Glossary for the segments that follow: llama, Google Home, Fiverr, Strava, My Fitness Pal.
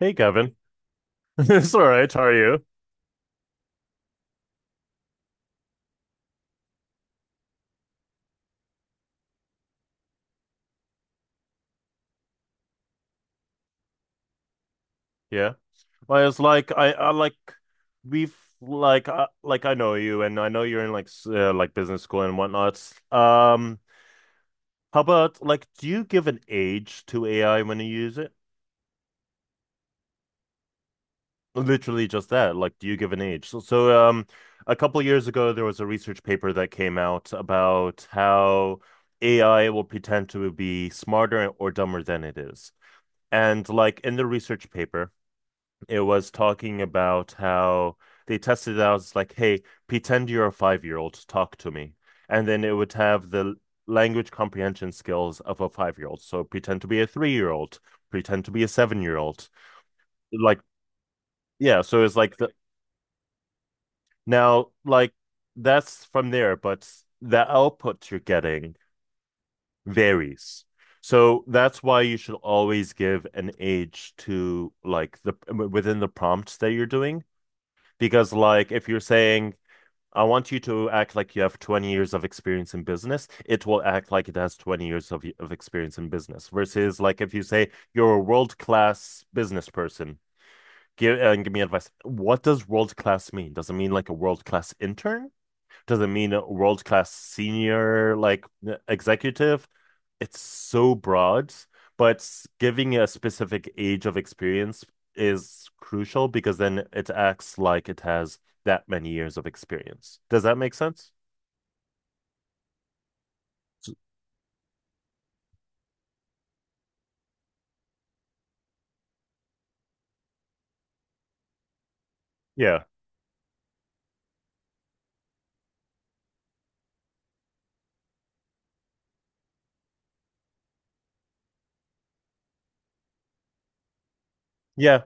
Hey, Kevin. It's all right. How are you? Yeah. Well, it's like I like we've like I know you, and I know you're in like like business school and whatnot. Um, how about like do you give an age to AI when you use it? Literally just that. Like, do you give an age? So, a couple years ago, there was a research paper that came out about how AI will pretend to be smarter or dumber than it is. And like in the research paper, it was talking about how they tested it out. It's like, hey, pretend you're a 5-year-old, talk to me. And then it would have the language comprehension skills of a 5-year-old. So pretend to be a 3-year-old, pretend to be a 7-year-old. Like, yeah, so it's like the now, like that's from there, but the output you're getting varies. So that's why you should always give an age to like the within the prompts that you're doing. Because like if you're saying I want you to act like you have 20 years of experience in business. It will act like it has 20 years of experience in business versus like if you say you're a world-class business person, give me advice. What does world-class mean? Does it mean like a world-class intern? Does it mean a world-class senior like executive? It's so broad, but giving a specific age of experience is crucial because then it acts like it has that many years of experience. Does that make sense? Yeah. Yeah.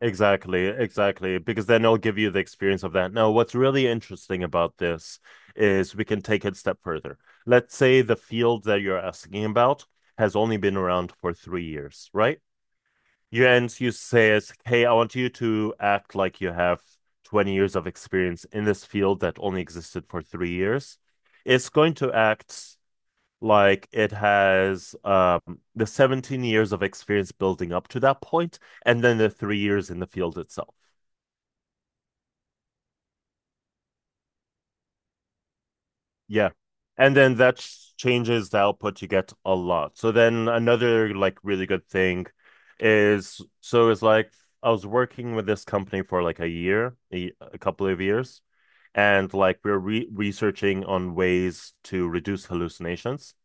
Exactly, exactly. Because then I will give you the experience of that. Now, what's really interesting about this is we can take it a step further. Let's say the field that you're asking about has only been around for 3 years, right? You and you say is, hey, I want you to act like you have 20 years of experience in this field that only existed for 3 years. It's going to act like it has the 17 years of experience building up to that point, and then the 3 years in the field itself. Yeah. And then that changes the output you get a lot. So then another like really good thing is so it's like I was working with this company for like a year, a couple of years, and like we're re researching on ways to reduce hallucinations.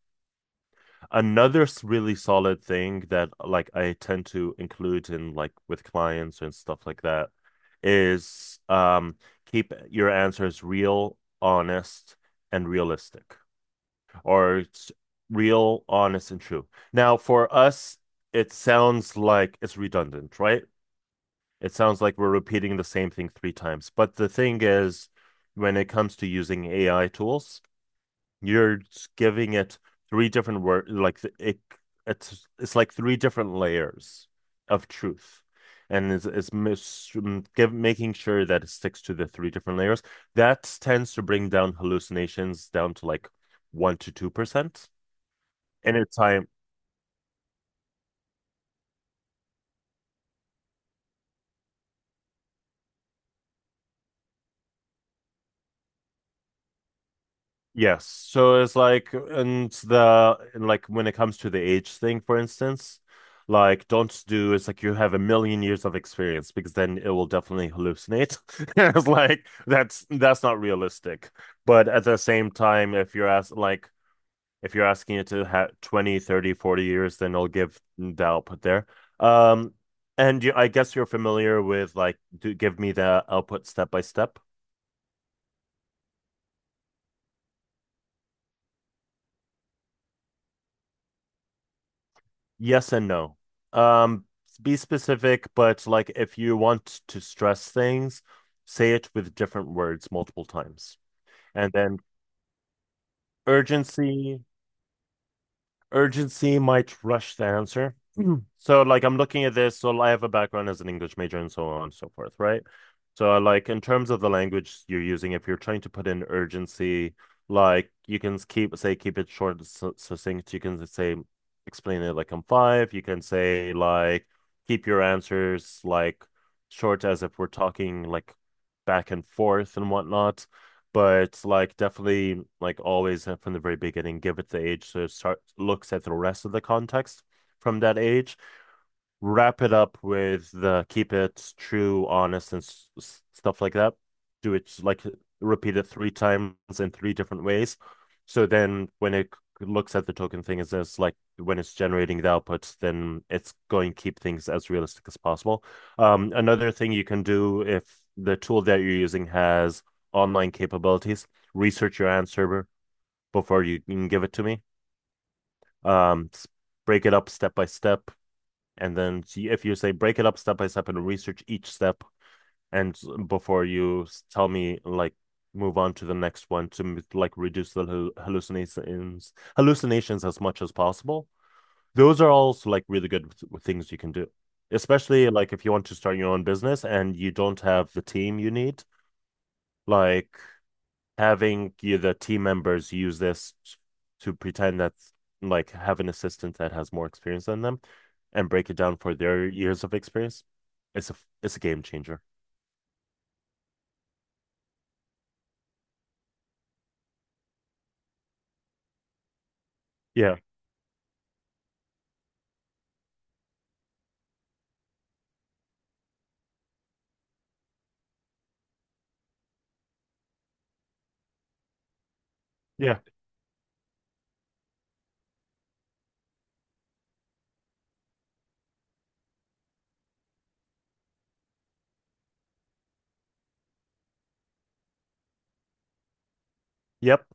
Another really solid thing that like I tend to include in like with clients and stuff like that is keep your answers real, honest, and realistic, or it's real, honest, and true. Now, for us, it sounds like it's redundant, right? It sounds like we're repeating the same thing 3 times. But the thing is, when it comes to using AI tools, you're giving it three different word like it's like three different layers of truth. And it's making sure that it sticks to the three different layers. That tends to bring down hallucinations down to like 1 to 2%. And it's time. Yes. So it's like, and like when it comes to the age thing, for instance, like don't do, it's like you have 1 million years of experience because then it will definitely hallucinate. It's like that's not realistic. But at the same time, if you're asking it to have 20, 30, 40 years, then it'll give the output there. Um, and you, I guess you're familiar with like, do give me the output step by step. Yes and no. Um, be specific, but like if you want to stress things, say it with different words multiple times. And then urgency. Urgency might rush the answer. Mhm. So, like, I'm looking at this. So, I have a background as an English major and so on and so forth, right? So, like, in terms of the language you're using, if you're trying to put in urgency, like, you can keep it short, and succinct. You can say, explain it like I'm five. You can say, like, keep your answers, like, short as if we're talking, like, back and forth and whatnot, but like definitely like always from the very beginning give it the age so it start looks at the rest of the context from that age, wrap it up with the keep it true, honest, and stuff like that. Do it like repeat it 3 times in three different ways. So then when it looks at the token thing, is it's like when it's generating the output, then it's going to keep things as realistic as possible. Another thing you can do if the tool that you're using has online capabilities, research your answer before you can give it to me. Um, s- break it up step by step, and then see if you say break it up step by step and research each step and before you tell me like move on to the next one to like reduce the hallucinations as much as possible. Those are also like really good things you can do, especially like if you want to start your own business and you don't have the team you need, like having the team members use this to pretend that like have an assistant that has more experience than them and break it down for their years of experience. It's a it's a game changer. Yeah. Yeah. Yep.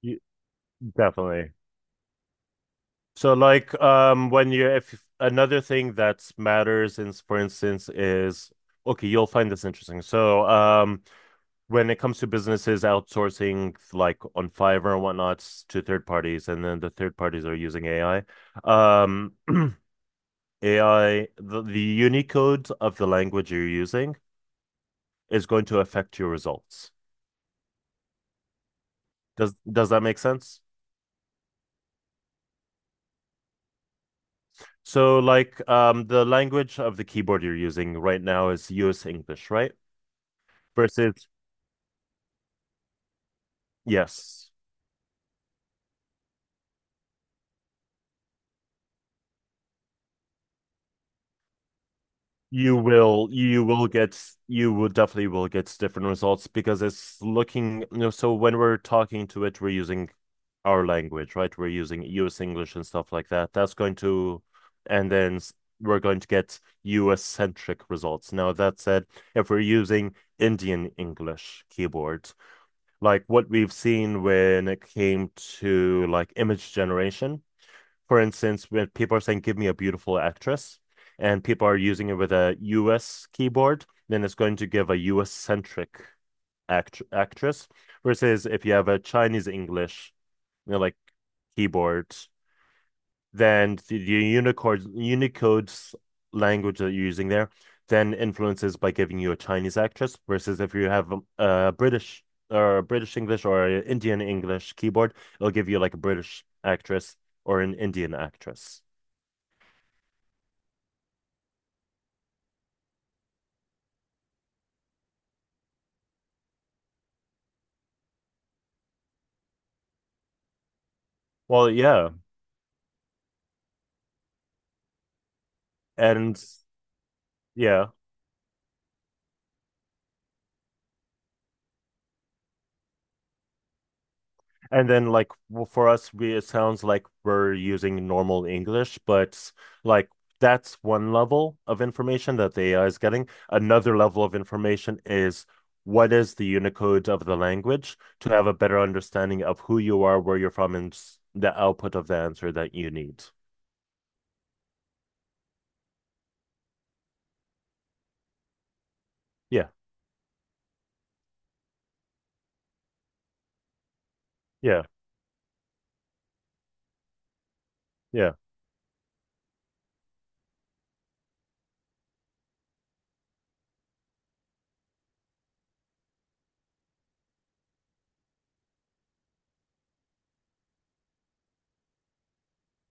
You- Definitely. So like when you if another thing that matters in, for instance, is okay, you'll find this interesting. So when it comes to businesses outsourcing like on Fiverr and whatnot to third parties, and then the third parties are using AI. Um, AI, the Unicode of the language you're using is going to affect your results. Does that make sense? So like the language of the keyboard you're using right now is US English, right? Versus, yes. You will get, you will definitely will get different results, because it's looking, so when we're talking to it, we're using our language, right? We're using US English and stuff like that. That's going to, and then we're going to get US centric results. Now, that said, if we're using Indian English keyboard, like what we've seen when it came to like image generation, for instance, when people are saying, give me a beautiful actress, and people are using it with a US keyboard, then it's going to give a US centric actress. Versus if you have a Chinese English, like keyboard, then the Unicode's language that you're using there then influences by giving you a Chinese actress. Versus if you have a British or a British English or a Indian English keyboard, it'll give you like a British actress or an Indian actress. Well, yeah. And yeah. And then like for us we it sounds like we're using normal English, but like that's one level of information that the AI is getting. Another level of information is what is the Unicode of the language to have a better understanding of who you are, where you're from, and the output of the answer that you need. Yeah. Yeah. Yeah.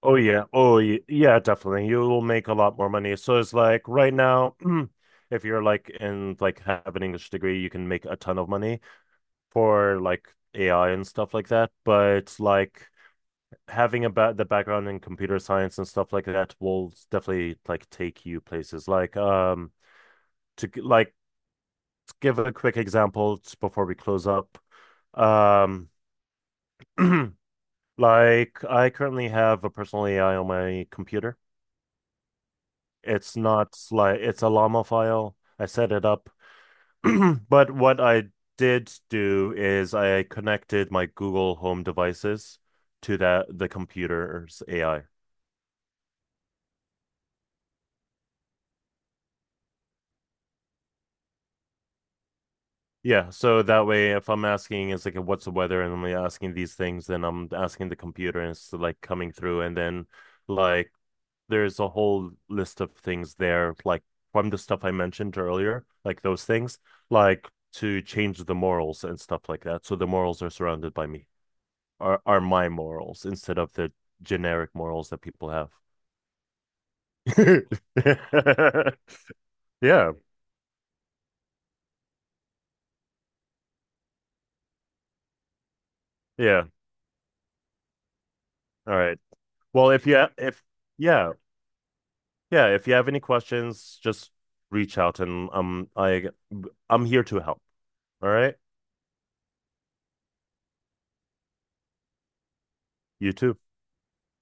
Oh yeah. Oh yeah, yeah, definitely. You will make a lot more money. So it's like right now, if you're like in like have an English degree, you can make a ton of money for like AI and stuff like that. But like having a ba the background in computer science and stuff like that will definitely like take you places. Like to g- like to give a quick example before we close up. Um like I currently have a personal AI on my computer. It's not like it's a llama file. I set it up. But what I did do is I connected my Google Home devices to that the computer's AI. Yeah, so that way if I'm asking it's like what's the weather and I'm like asking these things, then I'm asking the computer and it's like coming through, and then like there's a whole list of things there, like from the stuff I mentioned earlier, like those things, like to change the morals and stuff like that. So the morals are surrounded by me, are my morals instead of the generic morals that people have. Yeah. Yeah. All right. Well, if you ha- if yeah, yeah, if you have any questions, just reach out, and I'm here to help. All right? You too.